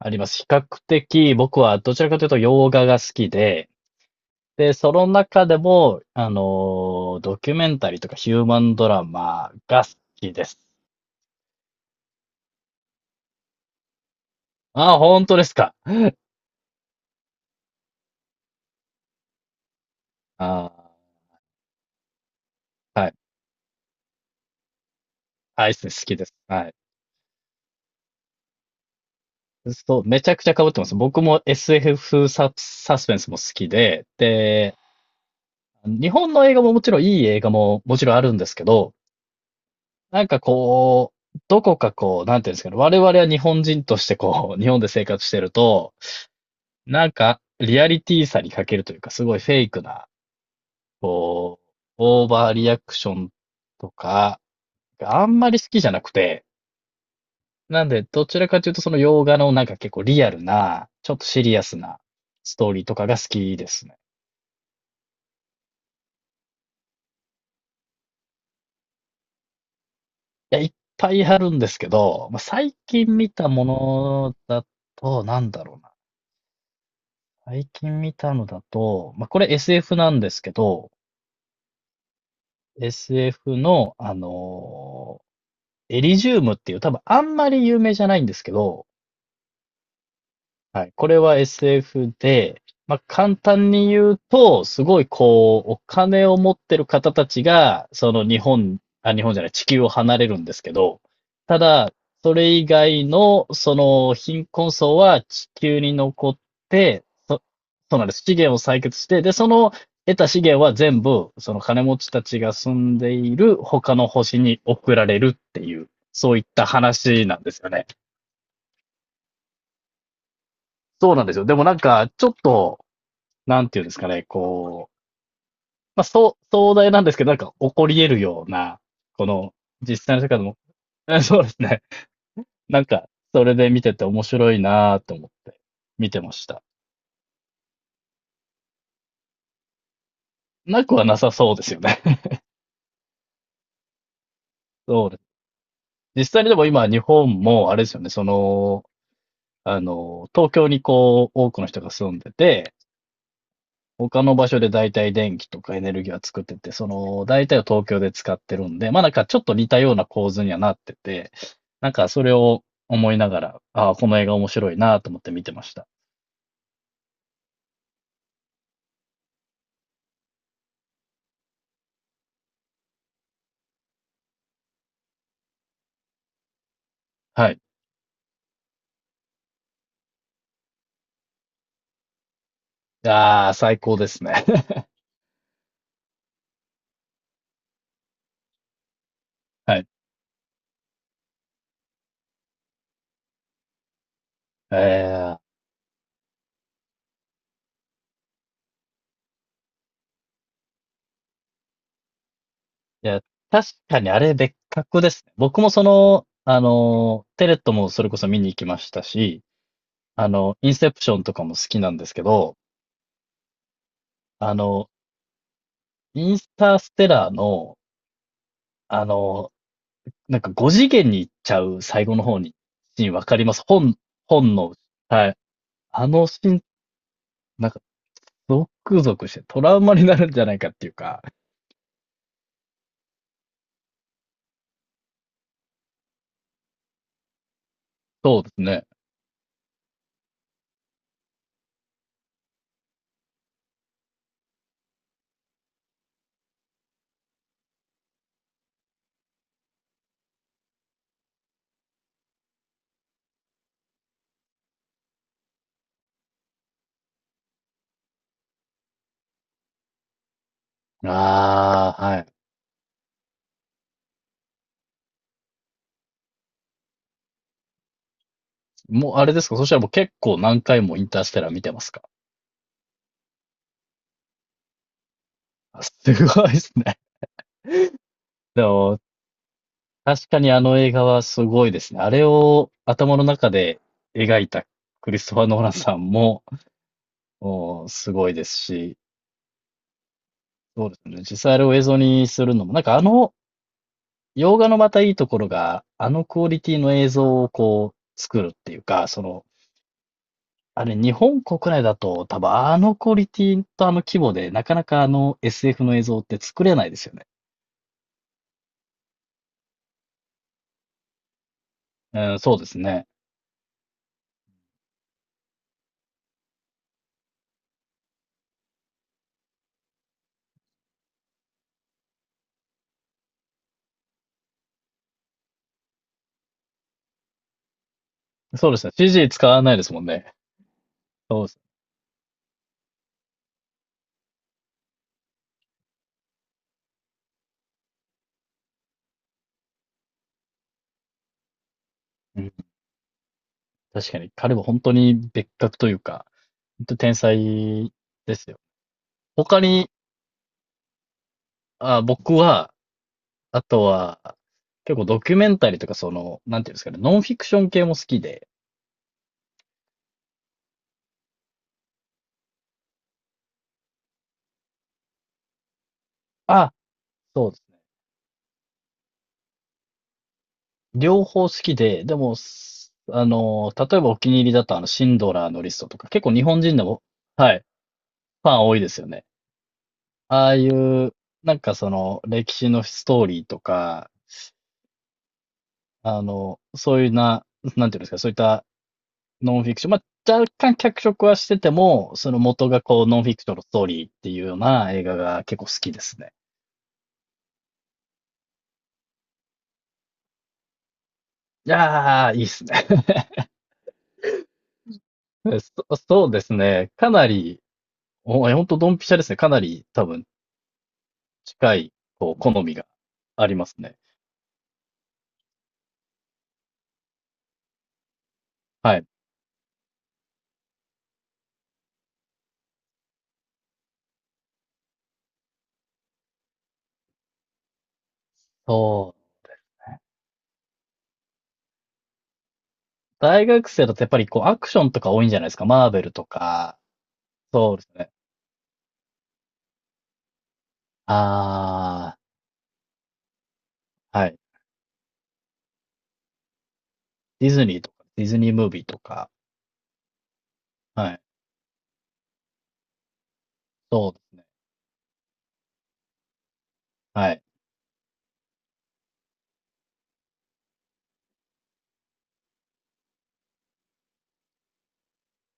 あります。比較的僕はどちらかというと洋画が好きで、その中でも、ドキュメンタリーとかヒューマンドラマが好きです。ああ、本当ですか。ああ、はい。アイス好きです。はい。そう、めちゃくちゃ被ってます。僕も SF サスペンスも好きで、日本の映画ももちろんいい映画ももちろんあるんですけど、なんかこう、どこかこう、なんていうんですかね、我々は日本人としてこう、日本で生活してると、なんか、リアリティさに欠けるというか、すごいフェイクな、こう、オーバーリアクションとか、があんまり好きじゃなくて、なんで、どちらかというと、その洋画のなんか結構リアルな、ちょっとシリアスなストーリーとかが好きですね。いや、いっぱいあるんですけど、まあ、最近見たものだと、なんだろうな。最近見たのだと、まあ、これ SF なんですけど、SF の、あのエリジウムっていう、多分あんまり有名じゃないんですけど、はい。これは SF で、まあ、簡単に言うと、すごいこう、お金を持ってる方たちが、その日本、あ、日本じゃない、地球を離れるんですけど、ただ、それ以外の、その貧困層は地球に残って、そうなんです。資源を採掘して、で、その得た資源は全部、その金持ちたちが住んでいる他の星に送られるっていう、そういった話なんですよね。そうなんですよ。でもなんか、ちょっと、なんていうんですかね、こう、まあ、そう、壮大なんですけど、なんか起こり得るような、この、実際の世界でも、そうですね。なんか、それで見てて面白いなぁと思って見てました。なくはなさそうですよね。そうです。実際にでも今、日本も、あれですよね、その、東京にこう、多くの人が住んでて、他の場所で大体電気とかエネルギーは作ってて、その大体を東京で使ってるんで、まあなんかちょっと似たような構図にはなってて、なんかそれを思いながら、ああ、この映画面白いなと思って見てました。はい。ああ、最高ですね。はい。ええいや、確かにあれ別格ですね。僕もその、テレットもそれこそ見に行きましたし、あの、インセプションとかも好きなんですけど、あの、インスターステラーの、あの、なんか5次元に行っちゃう最後の方に、シーンわかります本の、はい。あのシーン、なんか、ゾクゾクしてトラウマになるんじゃないかっていうか、そうですね。ああ、はい。もうあれですかそしたらもう結構何回もインターステラー見てますか？あ、すごいですね。でも、確かにあの映画はすごいですね。あれを頭の中で描いたクリストファー・ノーランさんも、もうすごいですし、そうですね。実際あれを映像にするのも、なんかあの洋画のまたいいところが、あのクオリティの映像をこう作るっていうか、その、あれ日本国内だと多分あのクオリティとあの規模でなかなかあの SF の映像って作れないですよね。うん、そうですね。そうですね。CG 使わないですもんね。そうです。うん、確かに彼は本当に別格というか、本当天才ですよ。他に、あ、僕は、あとは、結構ドキュメンタリーとかその、なんていうんですかね、ノンフィクション系も好きで、あ、そうです。両方好きで、でも、すあの、例えばお気に入りだとあの、シンドラーのリストとか、結構日本人でも、はい、ファン多いですよね。ああいう、なんかその、歴史のストーリーとか、あの、そういうな、なんていうんですか、そういったノンフィクション、まあ、若干脚色はしてても、その元がこう、ノンフィクションのストーリーっていうような映画が結構好きですね。いやー、いいっすね。そうですね。かなり、お、え、ほんとドンピシャですね。かなり多分近い、こう、好みがありますね。はい。そう。大学生だとやっぱりこう、アクションとか多いんじゃないですか。マーベルとか、そうですね。ああ、はい。ディズニーとか、ディズニームービーとか、はい。そうですね。はい。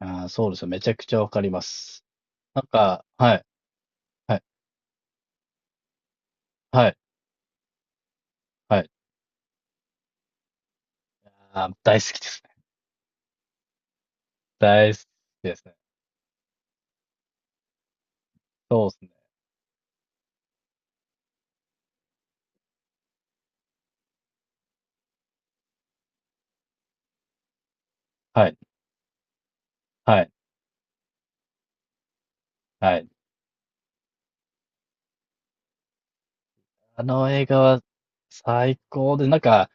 ああ、そうですよ。めちゃくちゃわかります。なんか、はい、はい、はい、はい。ああ、大好きですね。大好きですね。そうですね。はい、はい、はい。あの映画は最高で、なんか、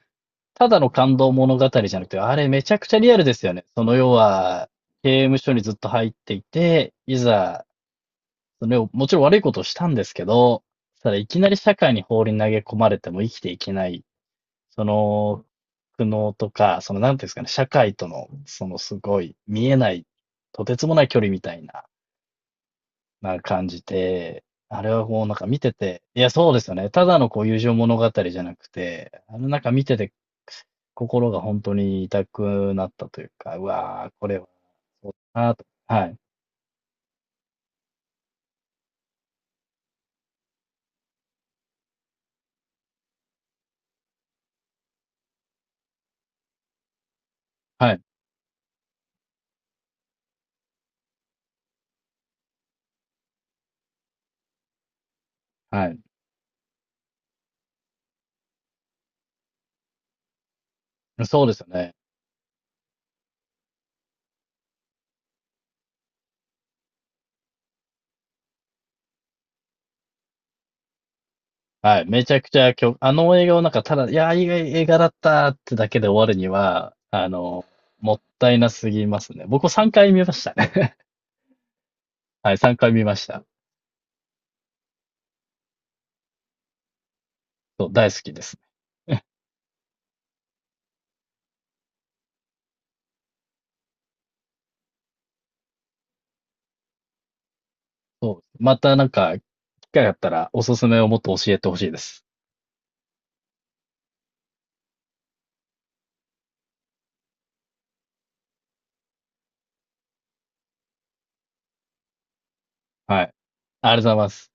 ただの感動物語じゃなくて、あれめちゃくちゃリアルですよね。その要は、刑務所にずっと入っていて、いざ、それをもちろん悪いことをしたんですけど、ただいきなり社会に放り投げ込まれても生きていけない、その苦悩とか、そのなんていうんですかね、社会との、そのすごい見えない、とてつもない距離みたいな感じて、あれはもうなんか見てて、いや、そうですよね。ただのこう友情物語じゃなくて、なんか見てて、心が本当に痛くなったというか、うわー、これはそうだなと。はい、はい、はい。そうですよね。はい。めちゃくちゃ今日、あの映画をなんかただ、いやー、いい映画だったってだけで終わるには、もったいなすぎますね。僕3回見ましたね。はい、3回見ました。そう、大好きです。そう。またなんか、機会があったらおすすめをもっと教えてほしいです。はい。ありがとうございます。